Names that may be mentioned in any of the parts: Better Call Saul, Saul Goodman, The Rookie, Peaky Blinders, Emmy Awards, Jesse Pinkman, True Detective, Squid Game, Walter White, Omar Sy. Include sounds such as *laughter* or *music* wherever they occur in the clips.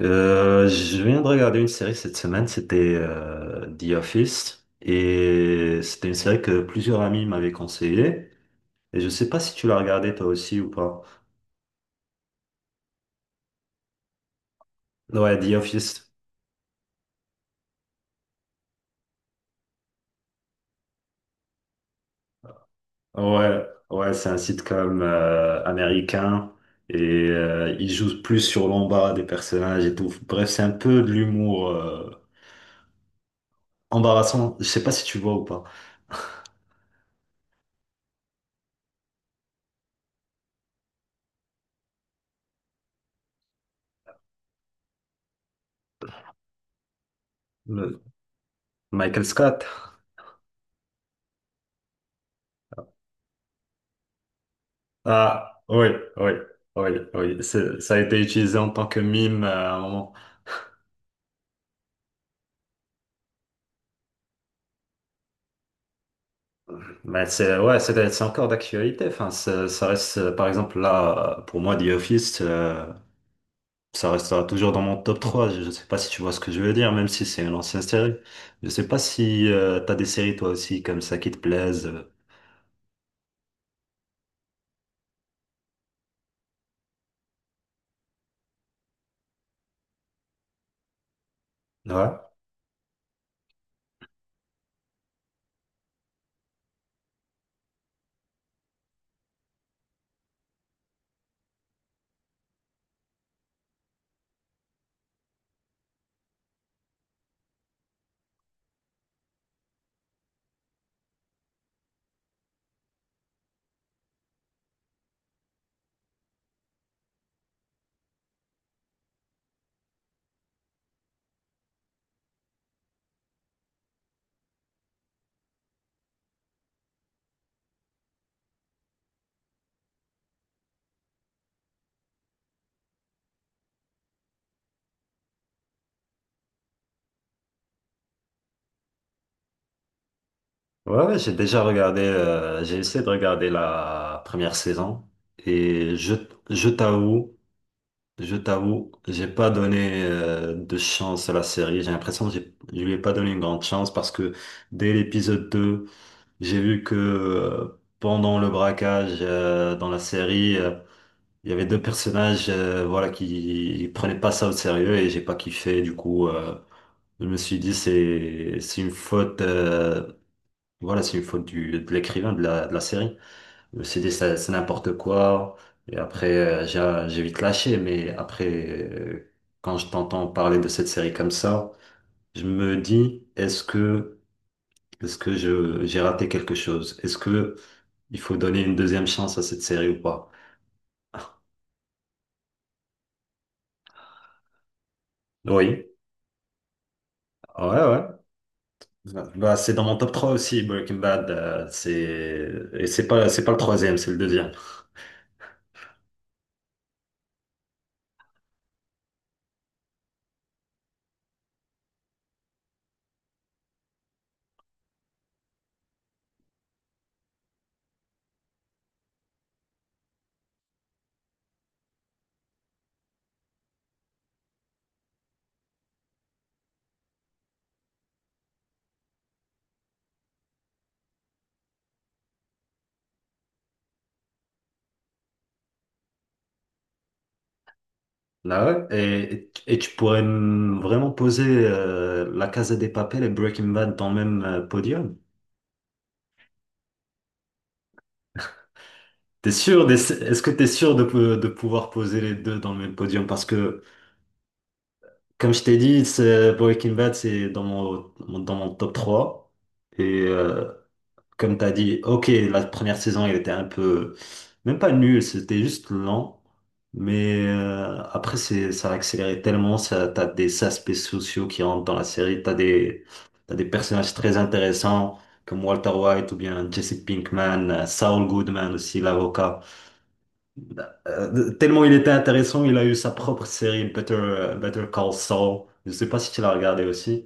Je viens de regarder une série cette semaine, c'était The Office, et c'était une série que plusieurs amis m'avaient conseillé, et je sais pas si tu l'as regardée toi aussi ou pas. Ouais, The Office. Ouais, c'est un sitcom américain, et il joue plus sur l'embarras des personnages et tout. Bref, c'est un peu de l'humour embarrassant. Je sais pas si tu vois ou pas. Le- Michael Scott. Ah, oui, oui. Ça a été utilisé en tant que mime à un moment. Mais c'est, ouais, c'est encore d'actualité. Enfin, ça reste, par exemple, là, pour moi, The Office, ça restera toujours dans mon top trois. Je ne sais pas si tu vois ce que je veux dire, même si c'est une ancienne série. Je sais pas si tu t'as des séries, toi aussi, comme ça, qui te plaisent. Ouais, ouais, ouais, j'ai déjà regardé, j'ai essayé de regarder la première saison. Et je, je t'avoue, Je t'avoue, j'ai pas donné de chance à la série. J'ai l'impression que je lui ai pas donné une grande chance parce que dès l'épisode 2, j'ai vu que pendant le braquage dans la série, il y avait deux personnages voilà qui prenaient pas ça au sérieux et j'ai pas kiffé. Du coup, je me suis dit c'est une faute voilà c'est une faute de l'écrivain de de la série. Le CD, c'est n'importe quoi. Et après, j'ai vite lâché. Mais après, quand je t'entends parler de cette série comme ça, je me dis, est-ce que j'ai raté quelque chose? Est-ce que il faut donner une deuxième chance à cette série ou pas? *laughs* Oui. Ah, ouais. Bah, c'est dans mon top 3 aussi, Breaking Bad. Et c'est pas le troisième, c'est le deuxième. Là, ouais. Et tu pourrais vraiment poser La Casa des Papel et Breaking Bad dans le même podium? T'es sûr, est-ce que t'es sûr de pouvoir poser les deux dans le même podium? Parce que, comme je t'ai dit, Breaking Bad, c'est dans dans mon top trois. Et comme tu as dit, ok, la première saison, il était un peu, même pas nul, c'était juste lent. Mais après, ça a accéléré tellement, ça, t'as des aspects sociaux qui rentrent dans la série, t'as des personnages très intéressants comme Walter White ou bien Jesse Pinkman, Saul Goodman aussi, l'avocat. Tellement il était intéressant, il a eu sa propre série, Better Call Saul. Je sais pas si tu l'as regardé aussi.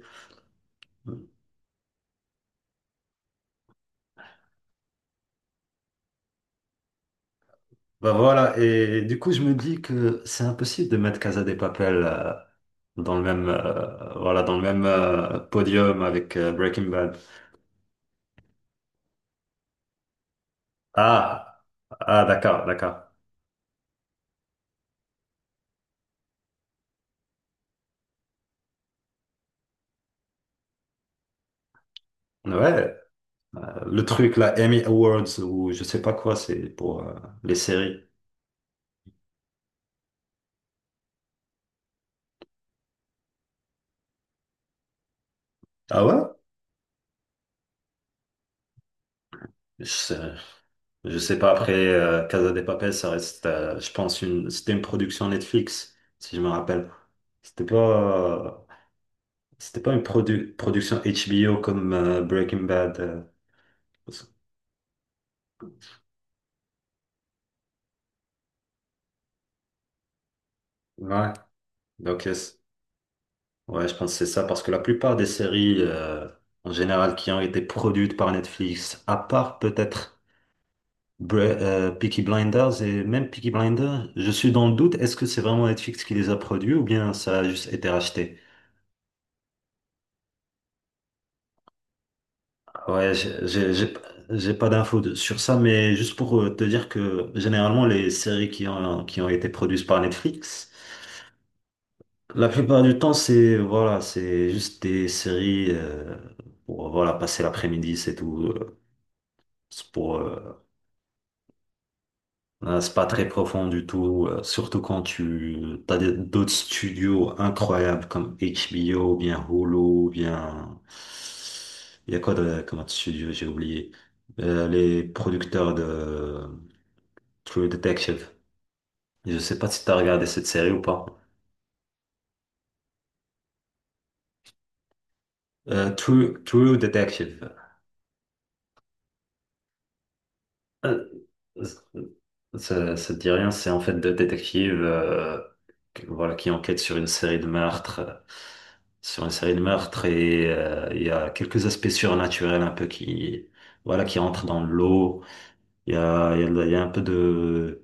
Bah voilà, et du coup, je me dis que c'est impossible de mettre Casa de Papel dans le même, voilà, dans le même podium avec Breaking Bad. Ah, ah, d'accord. Ouais, le truc, là, Emmy Awards ou je sais pas quoi, c'est pour les séries. Ah ouais? Je sais, je sais pas, après, Casa de Papel, ça reste, je pense, c'était une production Netflix, si je me rappelle. C'était pas, euh, c'était pas une production HBO comme Breaking Bad. euh, Ouais, donc ouais, je pense que c'est ça, parce que la plupart des séries en général qui ont été produites par Netflix, à part peut-être Peaky Blinders. Et même Peaky Blinders, je suis dans le doute, est-ce que c'est vraiment Netflix qui les a produits ou bien ça a juste été racheté? Ouais, j'ai j'ai pas d'infos sur ça, mais juste pour te dire que généralement les séries qui ont été produites par Netflix, la plupart du temps, c'est voilà, c'est juste des séries pour voilà passer l'après-midi, c'est tout. C'est pour euh, c'est pas très profond du tout, surtout quand tu t'as des- d'autres studios incroyables comme HBO, ou bien Hulu, bien il y a quoi de comme autre studio, j'ai oublié. Les producteurs de True Detective. Je sais pas si t'as regardé cette série ou pas. True Detective. Euh, ça te dit rien, c'est en fait deux détectives voilà, qui enquêtent sur une série de meurtres, et il y a quelques aspects surnaturels un peu voilà, qui rentrent dans l'eau. Il y a un peu de...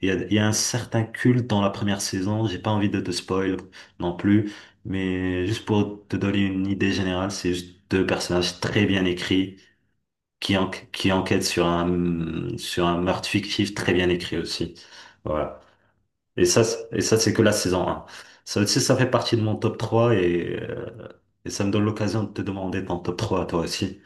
Il y a un certain culte dans la première saison, j'ai pas envie de te spoil non plus, mais juste pour te donner une idée générale, c'est juste deux personnages très bien écrits qui enquête sur sur un meurtre fictif très bien écrit aussi. Voilà. Et ça, c'est que la saison un. Ça aussi, ça fait partie de mon top 3 et ça me donne l'occasion de te demander ton top 3 à toi aussi.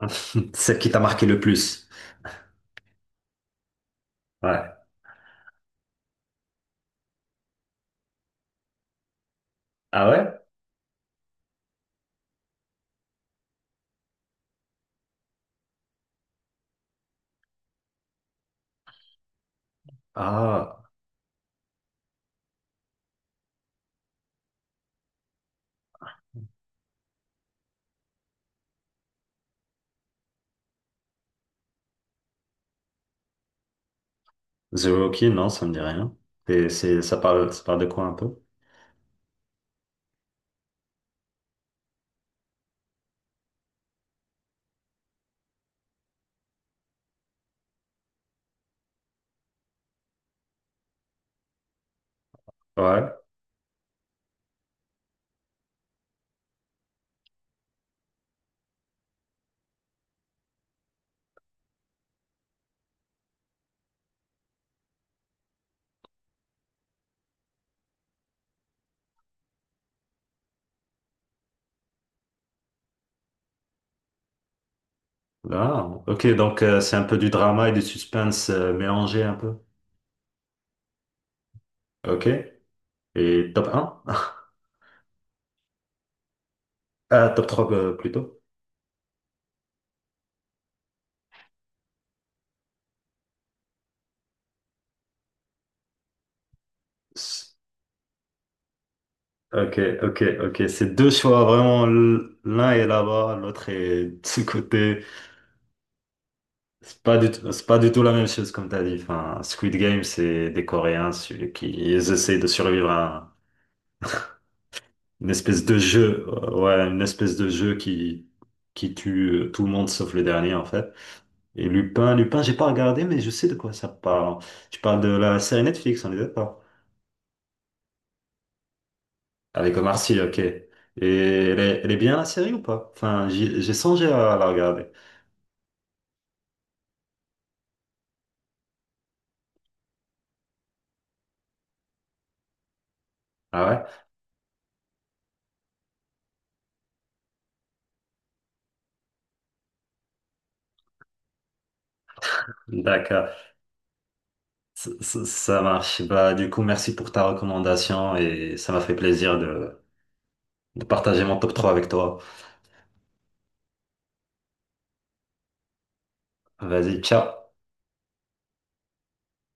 *laughs* Celle qui t'a marqué le plus. Ouais. Ah ouais? Ah, The Rookie, non, ça me dit rien. Et ça parle de quoi un peu? Ouais. Ah, ok, donc c'est un peu du drama et du suspense mélangé un peu. Ok. Et top un. *laughs* Ah, top 3 plutôt. Ok, ok, ok. c'est deux choix vraiment. L'un est là-bas, l'autre est de ce côté. C'est pas du tout, c'est pas du tout la même chose comme t'as dit. Enfin, Squid Game, c'est des Coréens celui qui ils essayent de survivre à une espèce de jeu, ouais, une espèce de jeu qui tue tout le monde sauf le dernier en fait. Et Lupin, j'ai pas regardé, mais je sais de quoi ça parle. Tu parles de la série Netflix, on est d'accord? Avec Omar Sy, ok. Et elle est bien la série ou pas? Enfin, j'ai songé à la regarder. Ah ouais? D'accord. Ça marche. Bah, du coup, merci pour ta recommandation et ça m'a fait plaisir de partager mon top 3 avec toi. Vas-y, ciao.